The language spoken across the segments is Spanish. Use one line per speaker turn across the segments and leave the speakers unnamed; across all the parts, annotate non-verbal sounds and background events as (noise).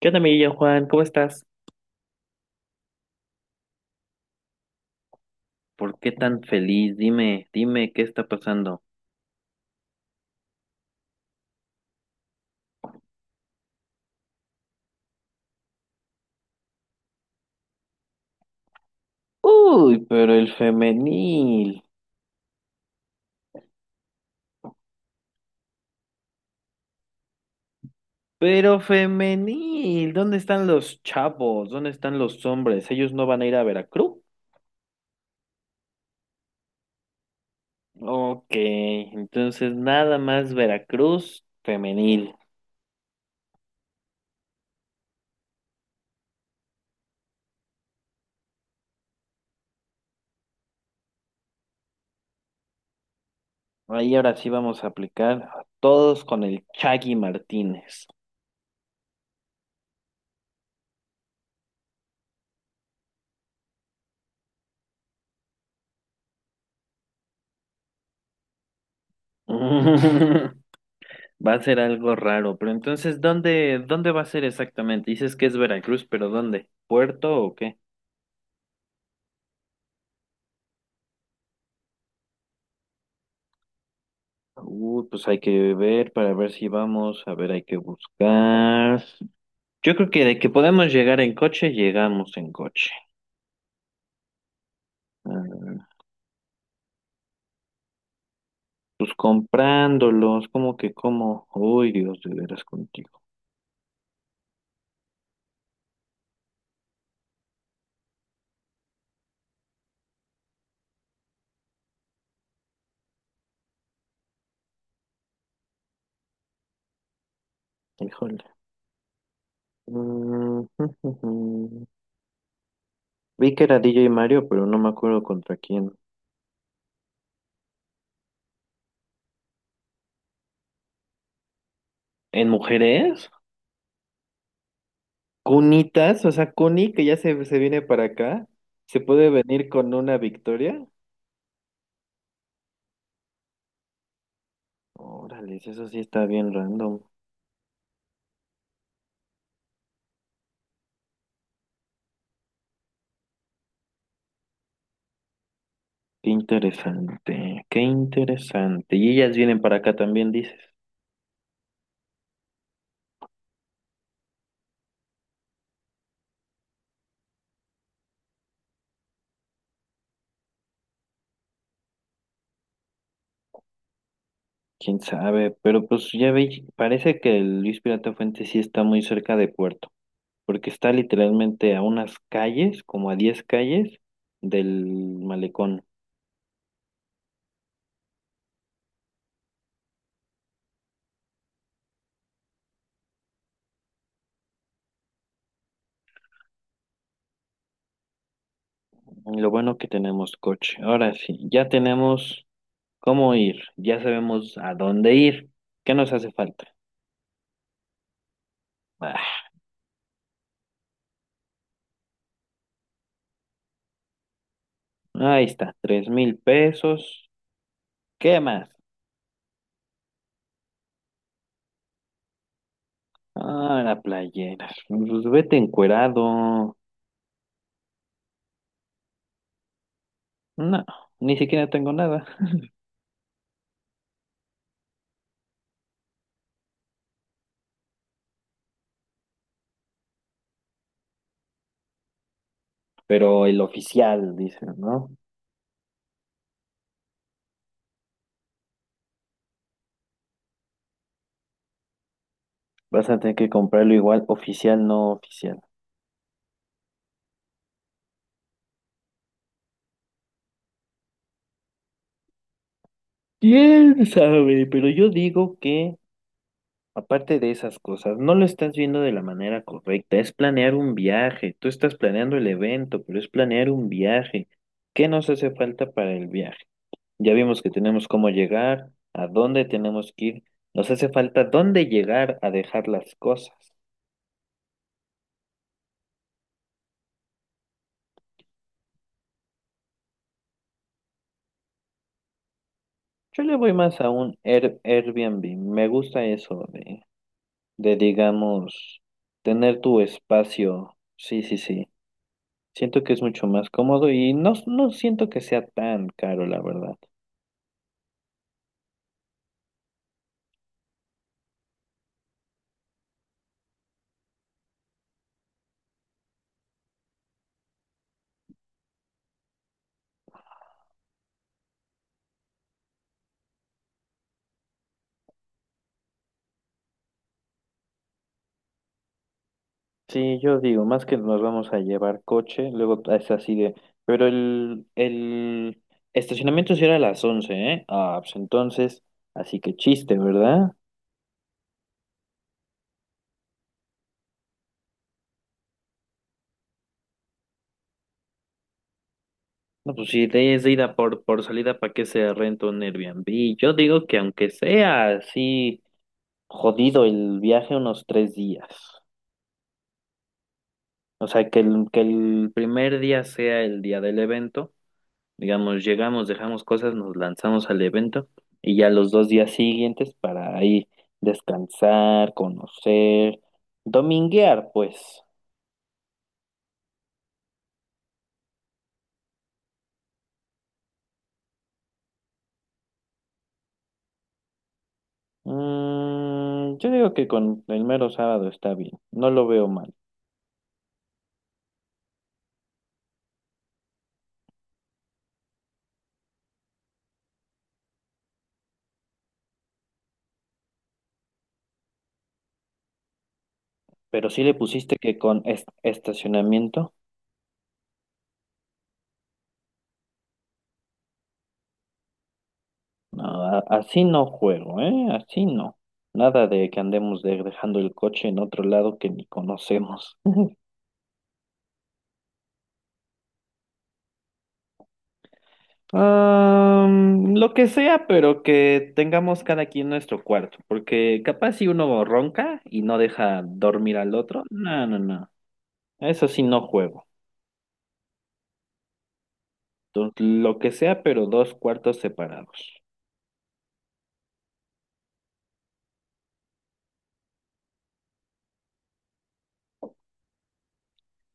¿Qué onda, amiguillo Juan? ¿Cómo estás? ¿Por qué tan feliz? Dime, dime, ¿qué está pasando? Uy, pero el femenil. Pero femenil. ¿Dónde están los chavos? ¿Dónde están los hombres? ¿Ellos no van a ir a Veracruz? Ok, entonces nada más Veracruz femenil. Ahí ahora sí vamos a aplicar a todos con el Chagui Martínez. (laughs) Va a ser algo raro, pero entonces, ¿dónde va a ser exactamente? Dices que es Veracruz, pero ¿dónde? ¿Puerto o qué? Pues hay que ver para ver si vamos, a ver, hay que buscar. Yo creo que de que podemos llegar en coche, llegamos en coche. Ah, pues comprándolos, como que como, uy, Dios, de veras contigo. Híjole. Mm. (laughs) Vi que era DJ Mario, pero no me acuerdo contra quién. ¿En mujeres? Cunitas, o sea, Cuni, que ya se viene para acá, se puede venir con una victoria. Órale, eso sí está bien random. Qué interesante, qué interesante. Y ellas vienen para acá también, dices. Quién sabe, pero pues ya veis, parece que el Luis Pirata Fuente sí está muy cerca de Puerto, porque está literalmente a unas calles, como a 10 calles del malecón. Lo bueno que tenemos coche. Ahora sí, ya tenemos. ¿Cómo ir? Ya sabemos a dónde ir. ¿Qué nos hace falta? Ah, ahí está, 3,000 pesos. ¿Qué más? Ah, la playera. Pues vete encuerado. No, ni siquiera tengo nada. Pero el oficial, dicen, ¿no? Vas a tener que comprarlo igual, oficial, no oficial. ¿Quién sabe? Pero yo digo que aparte de esas cosas, no lo estás viendo de la manera correcta. Es planear un viaje. Tú estás planeando el evento, pero es planear un viaje. ¿Qué nos hace falta para el viaje? Ya vimos que tenemos cómo llegar, a dónde tenemos que ir. Nos hace falta dónde llegar a dejar las cosas. Yo le voy más a un Airbnb. Me gusta eso de, digamos, tener tu espacio. Sí, sí, sí. Siento que es mucho más cómodo y no siento que sea tan caro, la verdad. Sí, yo digo, más que nos vamos a llevar coche, luego es así de, pero el estacionamiento sí era a las 11, ¿eh? Ah, pues entonces, así que chiste, ¿verdad? No, pues si es de ida por salida, ¿para qué se renta un Airbnb? Yo digo que aunque sea así jodido el viaje unos 3 días, o sea, que el primer día sea el día del evento. Digamos, llegamos, dejamos cosas, nos lanzamos al evento y ya los 2 días siguientes para ahí descansar, conocer, dominguear, pues. Yo digo que con el mero sábado está bien, no lo veo mal. Pero si le pusiste que con estacionamiento, no, así no juego, ¿eh? Así no. Nada de que andemos dejando el coche en otro lado que ni conocemos. Lo que sea, pero que tengamos cada quien nuestro cuarto, porque capaz si uno ronca y no deja dormir al otro, no, no, no, eso sí no juego. Entonces, lo que sea, pero dos cuartos separados.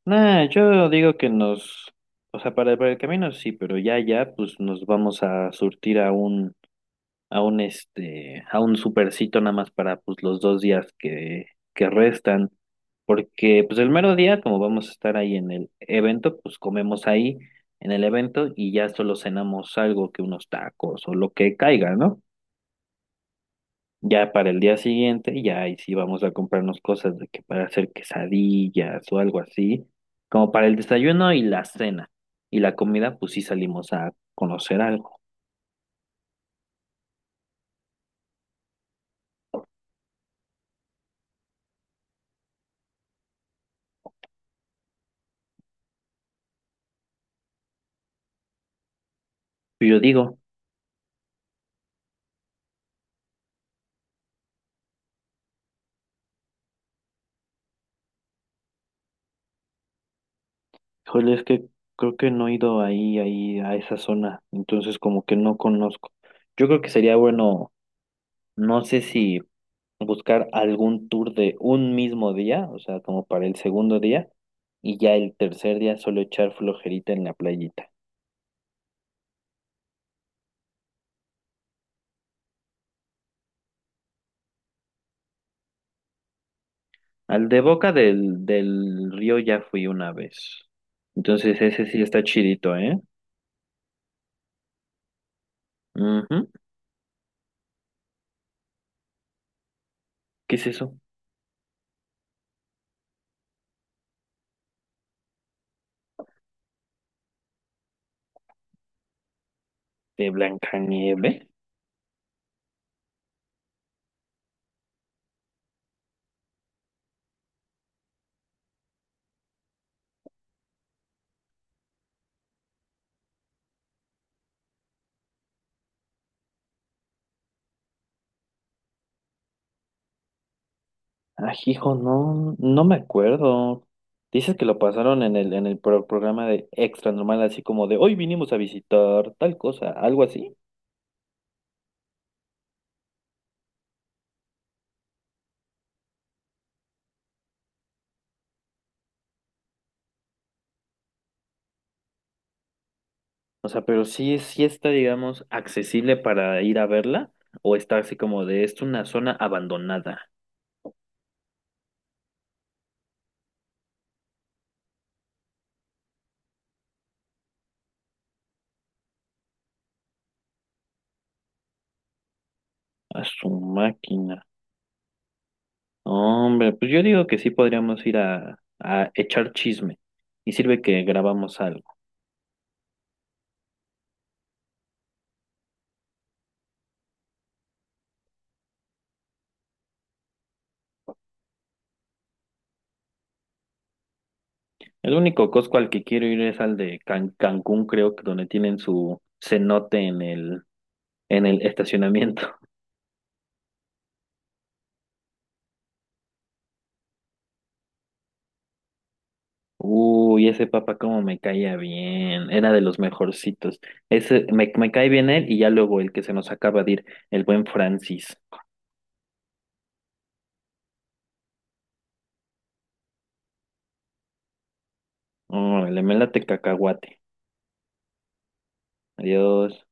Nah, yo digo que o sea, para el camino sí, pero ya, ya, pues nos vamos a surtir a un supercito nada más para pues los 2 días que restan, porque pues el mero día, como vamos a estar ahí en el evento, pues comemos ahí en el evento y ya solo cenamos algo que unos tacos o lo que caiga, ¿no? Ya para el día siguiente, ya ahí sí vamos a comprarnos cosas de que para hacer quesadillas o algo así, como para el desayuno y la cena. Y la comida, pues sí salimos a conocer algo. Yo digo. Híjole, es que creo que no he ido ahí, ahí, a esa zona, entonces como que no conozco. Yo creo que sería bueno, no sé si buscar algún tour de un mismo día, o sea, como para el segundo día, y ya el tercer día solo echar flojerita en la playita. Al de Boca del río ya fui una vez, entonces ese sí está chidito, ¿eh? Ujú. ¿Qué es eso? ¿De Blancanieve? Ah, hijo, no, no me acuerdo. Dices que lo pasaron en el programa de Extra Normal, así como de hoy vinimos a visitar tal cosa, algo así. O sea, pero sí, sí está, digamos, accesible para ir a verla, o está así como de es una zona abandonada. A su máquina. No, hombre, pues yo digo que sí podríamos ir a echar chisme. Y sirve que grabamos algo. El único Costco al que quiero ir es al de Cancún, creo que donde tienen su cenote en el estacionamiento. Uy, ese papá como me caía bien, era de los mejorcitos. Ese, me cae bien él y ya luego el que se nos acaba de ir, el buen Francis. Oh, le me late cacahuate. Adiós.